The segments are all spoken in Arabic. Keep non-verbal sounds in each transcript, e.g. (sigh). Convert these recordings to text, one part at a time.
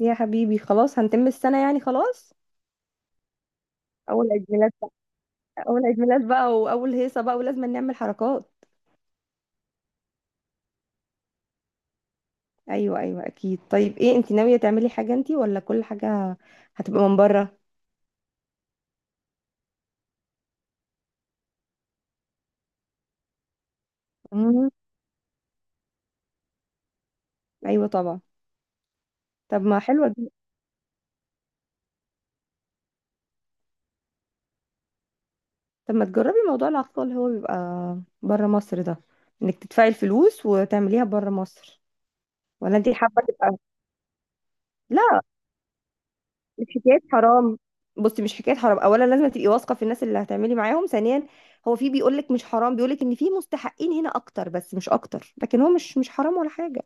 يا حبيبي خلاص هنتم السنة، يعني خلاص. أول عيد ميلاد بقى. أول عيد ميلاد بقى وأول هيصة بقى ولازم نعمل حركات. أيوة أيوة أكيد. طيب إيه، أنت ناوية تعملي حاجة أنت ولا كل حاجة هتبقى من بره؟ مم. أيوة طبعا. طب ما حلوة دي. طب ما تجربي موضوع العقد اللي هو بيبقى بره مصر ده، إنك تدفعي الفلوس وتعمليها بره مصر. ولا أنت حابة تبقى؟ لا، مش حكايه حرام. بصي، مش حكايه حرام، اولا لازم تبقي واثقه في الناس اللي هتعملي معاهم. ثانيا هو في بيقول لك مش حرام، بيقول لك ان في مستحقين هنا اكتر، بس مش اكتر، لكن هو مش حرام ولا حاجه.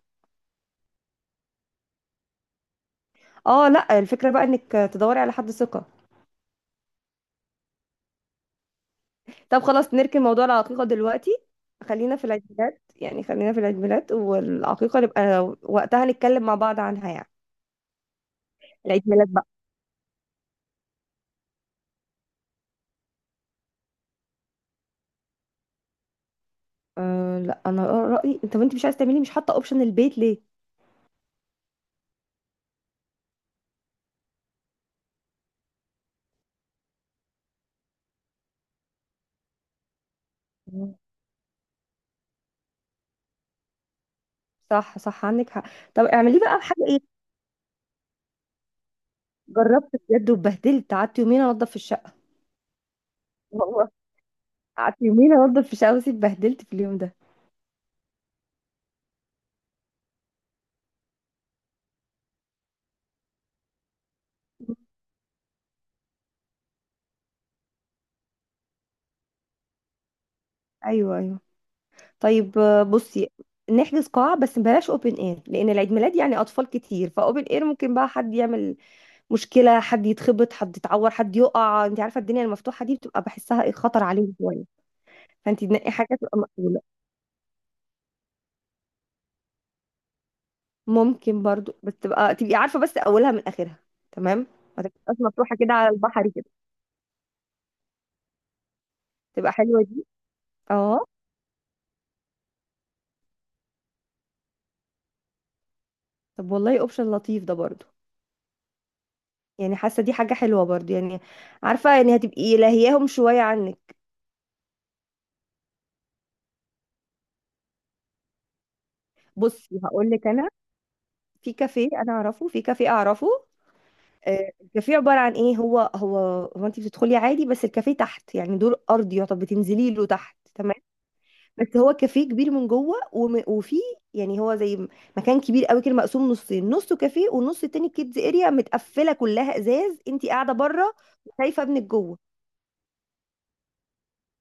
اه لا، الفكره بقى انك تدوري على حد ثقه. طب خلاص نركن موضوع العقيقه دلوقتي، خلينا في العيد ميلاد، يعني خلينا في العيد ميلاد، والعقيقه نبقى وقتها نتكلم مع بعض عنها يعني. العيد ميلاد بقى، أه لا، انا رايي انت، وانت مش عايز تعملي، مش حاطه اوبشن البيت ليه؟ مم. صح صح، عندك حق. طب اعمليه بقى بحاجه إيه؟ جربت بجد واتبهدلت، قعدت يومين انضف في الشقه. والله قعدت يومين انضف في الشقه بس اتبهدلت في اليوم ده. ايوه ايوه. طيب بصي، نحجز قاعه بس بلاش اوبن اير، لان العيد ميلاد يعني اطفال كتير، فاوبن اير ممكن بقى حد يعمل مشكله، حد يتخبط، حد يتعور، حد يقع، انت عارفه الدنيا المفتوحه دي بتبقى بحسها ايه، خطر عليهم شويه. فانت تنقي حاجه تبقى مقبوله. ممكن برضو، بس تبقى تبقي عارفه بس اولها من اخرها. تمام. ما تبقاش مفتوحه كده على البحر كده. تبقى حلوه دي. اه، طب والله اوبشن لطيف ده برضو، يعني حاسه دي حاجه حلوه برضو يعني، عارفه يعني هتبقي لاهياهم شويه عنك. بصي هقول لك انا، في كافيه انا اعرفه، في كافيه اعرفه. الكافيه عباره عن ايه، هو هو انت بتدخلي عادي، بس الكافيه تحت يعني دور ارضي يعتبر، بتنزلي له تحت. تمام. بس هو كافيه كبير من جوه، وفي يعني هو مكان كبير قوي كده، مقسوم نصين، نصه كافيه والنص التاني كيدز اريا، متقفله كلها ازاز، انت قاعده بره وشايفه ابنك جوه.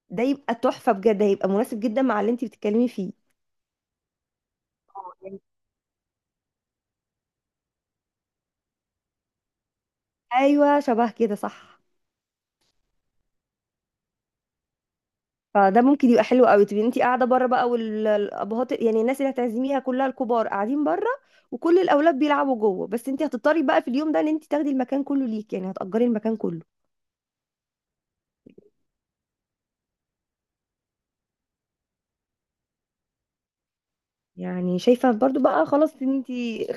ده يبقى تحفة بجد، هيبقى مناسب جدا مع اللي انت بتتكلمي فيه. يعني. ايوه شبه كده، صح. فده ممكن يبقى حلو قوي، تبقي انت قاعده بره بقى والابهات، يعني الناس اللي هتعزميها كلها الكبار قاعدين بره، وكل الاولاد بيلعبوا جوه، بس انت هتضطري بقى في اليوم ده ان انت تاخدي المكان كله ليك، يعني هتأجري المكان كله. يعني شايفه برضو بقى خلاص، ان انت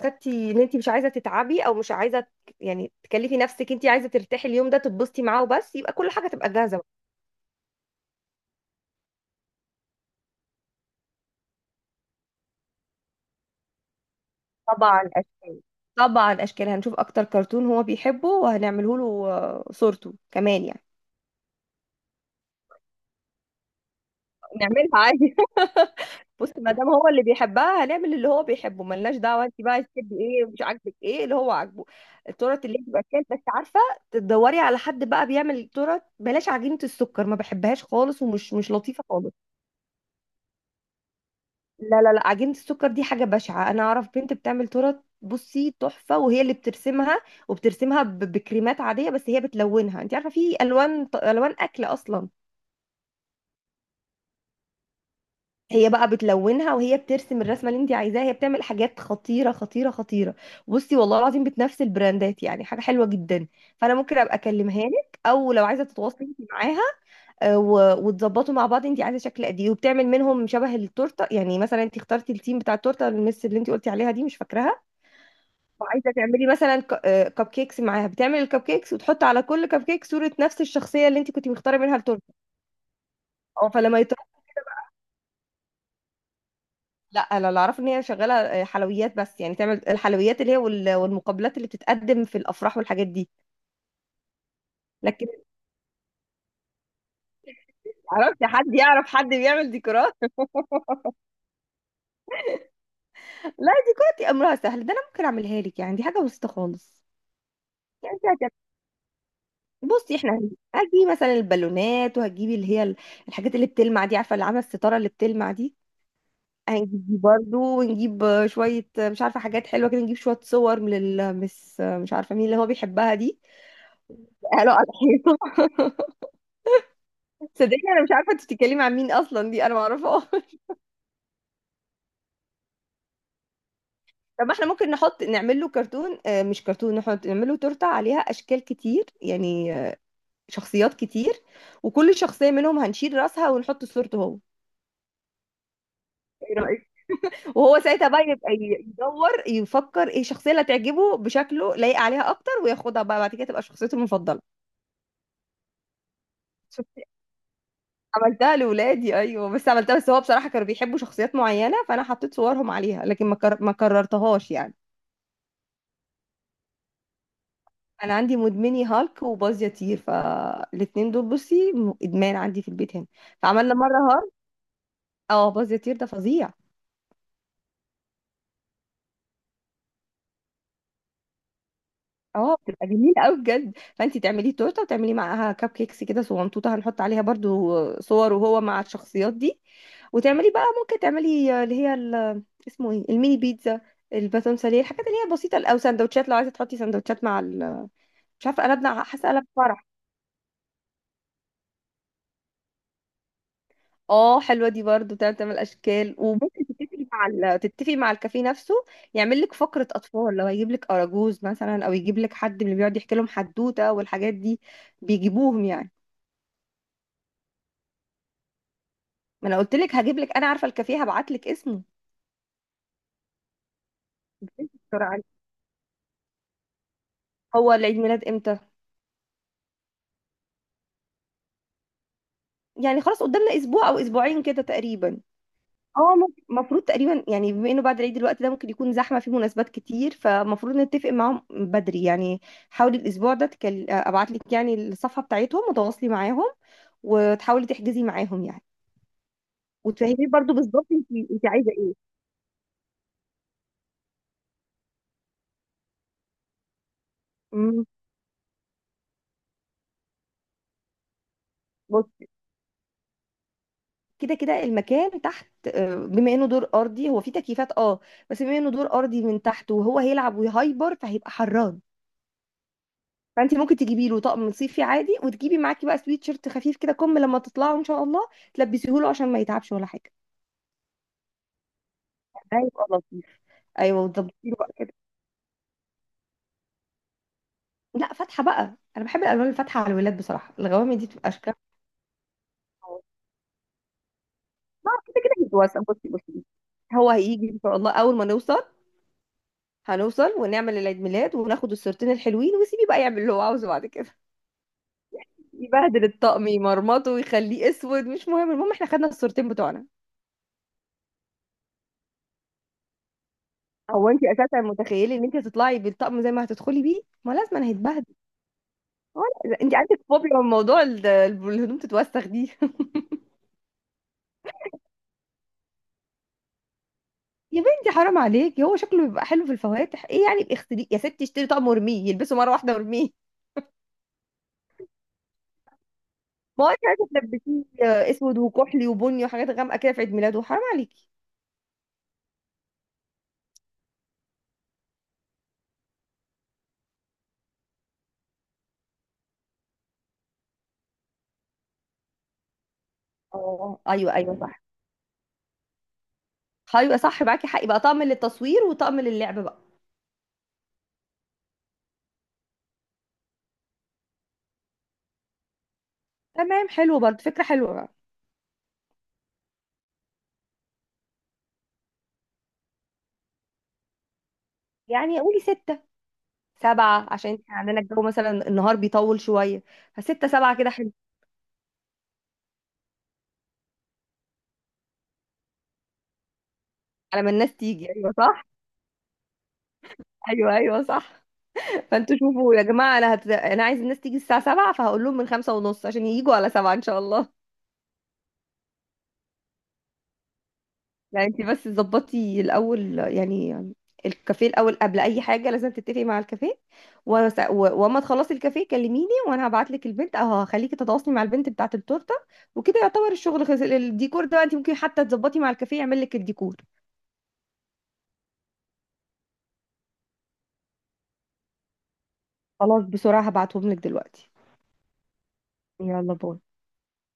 خدتي ان انت مش عايزه تتعبي، او مش عايزه يعني تكلفي نفسك، انت عايزه ترتاحي اليوم ده تتبسطي معاه وبس، يبقى كل حاجه تبقى جاهزه. طبعا اشكال. طبعا اشكال، هنشوف اكتر كرتون هو بيحبه وهنعمله له. صورته كمان يعني. نعملها عادي. (laughs) بص، ما دام هو اللي بيحبها هنعمل اللي هو بيحبه، ملناش دعوه انت بقى تحبي ايه ومش عاجبك ايه، اللي هو عاجبه. التورت اللي بتبقى كده بس عارفه، تدوري على حد بقى بيعمل تورت بلاش عجينه السكر، ما بحبهاش خالص، ومش مش لطيفه خالص. لا، عجينة السكر دي حاجة بشعة. أنا أعرف بنت بتعمل تورت، بصي تحفة، وهي اللي بترسمها. بكريمات عادية، بس هي بتلونها، أنت عارفة في ألوان أكل أصلا. هي بقى بتلونها وهي بترسم الرسمة اللي أنت عايزاها. هي بتعمل حاجات خطيرة خطيرة خطيرة. بصي والله العظيم بتنافس البراندات، يعني حاجة حلوة جدا. فأنا ممكن أبقى أكلمها لك، أو لو عايزة تتواصلي أنت معاها. وتظبطوا مع بعض أنت عايزة شكل قد إيه، وبتعمل منهم شبه التورتة، يعني مثلا أنت اخترتي التيم بتاع التورتة، المس اللي أنت قلتي عليها دي مش فاكراها، وعايزه تعملي مثلا كب كيكس معاها، بتعمل الكب كيكس وتحط على كل كب كيك صوره نفس الشخصيه اللي انت كنت مختاره منها التورته. اه فلما يطلع، لا انا اللي اعرفه ان هي شغاله حلويات بس، يعني تعمل الحلويات اللي هي والمقبلات اللي بتتقدم في الافراح والحاجات دي. لكن عرفتي حد يعرف حد بيعمل ديكورات؟ (laughs) لا، ديكورات دي امرها سهل، ده انا ممكن اعملها لك، يعني دي حاجه بسيطه خالص. يعني انت هتعملي، بصي احنا هتجيبي مثلا البالونات، وهتجيبي اللي هي الحاجات اللي بتلمع دي، عارفه اللي عامله الستاره اللي بتلمع دي. هنجيب برضه، ونجيب شوية مش عارفة حاجات حلوة كده، نجيب شوية صور من المس مش عارفة مين اللي هو بيحبها دي. (laughs) قالوا على الحيطة. (laughs) صدقني أنا مش عارفة أنت بتتكلمي عن مين أصلا، دي أنا معرفهاش. (laughs) طب ما احنا ممكن نحط نعمل له كرتون، مش كرتون، نحط نعمل له تورتة عليها أشكال كتير، يعني شخصيات كتير، وكل شخصية منهم هنشيل راسها ونحط صورته هو. ايه رأيك؟ وهو ساعتها بقى يبقى يدور يفكر ايه الشخصية اللي هتعجبه بشكله، لايق عليها أكتر وياخدها بقى، بعد كده تبقى شخصيته المفضلة. عملتها لولادي ايوه، بس عملتها، بس هو بصراحه كانوا بيحبوا شخصيات معينه، فانا حطيت صورهم عليها، لكن ما كررتهاش يعني. انا عندي مدمني هالك وباز يطير، فالاتنين دول بصي ادمان عندي في البيت هنا. فعملنا مره هالك. اه باز يطير ده فظيع. اه بتبقى جميلة قوي بجد. فانت تعملي تورته، وتعملي معاها كب كيكس كده صغنطوطه، هنحط عليها برضو صور وهو مع الشخصيات دي. وتعملي بقى، ممكن تعملي اللي هي اسمه ايه، الميني بيتزا، الباتون ساليه، الحاجات اللي هي بسيطه، او سندوتشات لو عايزه تحطي سندوتشات مع ال... مش عارفه قلبنا، حاسه قلب فرح. اه حلوه دي برضو، تعمل تعمل اشكال، وممكن تتفقي مع ال... تتفقي مع الكافيه نفسه يعمل لك فقره اطفال، لو هيجيب لك اراجوز مثلا، او يجيب لك حد من اللي بيقعد يحكي لهم حدوته والحاجات دي بيجيبوهم يعني. ما انا قلت لك هجيب لك، انا عارفه الكافيه، هبعت لك اسمه. بتنسي بسرعه عليه. هو العيد ميلاد امتى؟ يعني خلاص قدامنا اسبوع او اسبوعين كده تقريبا. اه ممكن، المفروض تقريبا، يعني بما انه بعد العيد الوقت ده ممكن يكون زحمه في مناسبات كتير، فمفروض نتفق معاهم بدري يعني. حاولي الاسبوع ده تكل... ابعت لك يعني الصفحه بتاعتهم، وتواصلي معاهم، وتحاولي تحجزي معاهم يعني. وتفهمي برضو بالظبط انت عايزه ايه. امم كده كده المكان تحت، بما انه دور ارضي هو فيه تكييفات، اه بس بما انه دور ارضي من تحت، وهو هيلعب ويهايبر فهيبقى حران. فانت ممكن تجيبي له طقم صيفي عادي، وتجيبي معاكي بقى سويت شيرت خفيف كده، كم لما تطلعوا ان شاء الله تلبسيه له عشان ما يتعبش ولا حاجه. ده يبقى لطيف. ايوه وتظبطي له بقى كده. لا فاتحه بقى، انا بحب الالوان الفاتحه على الولاد بصراحه، الغوامق دي بتبقى اشكال. ما كده كده هيتوسع، بصي. هو هيجي ان شاء الله، اول ما نوصل هنوصل ونعمل العيد ميلاد وناخد الصورتين الحلوين، وسيبيه بقى يعمل اللي هو عاوزه بعد كده. يبهدل الطقم، يمرمطه ويخليه اسود، مش مهم، المهم احنا خدنا الصورتين بتوعنا. هو انت اساسا متخيله ان انت هتطلعي بالطقم زي ما هتدخلي بيه؟ ما لازم انا هيتبهدل. ولا انت عندك فوبيا من موضوع الهدوم تتوسخ دي؟ (laughs) يا بنتي حرام عليك، هو شكله بيبقى حلو في الفواتح، ايه يعني اغسليه يا ستي، اشتري طقم وارميه يلبسه مره واحده وارميه. ما هو انت عايزه تلبسيه اسود وكحلي وبني وحاجات غامقه كده في عيد ميلاده، حرام عليكي. اه ايوه ايوه صح. ايوه صح، معاكي حق، يبقى طقم للتصوير وطقم للعب بقى. تمام، حلو برضه، فكره حلوه. يعني قولي ستة سبعة، عشان احنا عندنا الجو مثلا النهار بيطول شوية، فستة سبعة كده حلو. على ما الناس تيجي، ايوه صح، ايوه ايوه صح. (laughs) فانتوا شوفوا يا جماعة، انا عايز الناس تيجي الساعة سبعة، فهقول لهم من خمسة ونص عشان ييجوا على سبعة ان شاء الله. يعني انت بس ظبطي الاول يعني، الكافيه الاول، قبل اي حاجة لازم تتفقي مع الكافيه. وس... و... واما تخلصي الكافيه كلميني، وانا هبعت لك البنت، او هخليكي تتواصلي مع البنت بتاعة التورتة. وكده يعتبر الشغل خلص. الديكور ده انت ممكن حتى تظبطي مع الكافيه يعمل لك الديكور. خلاص بسرعة هبعتهم لك دلوقتي. يلا باي.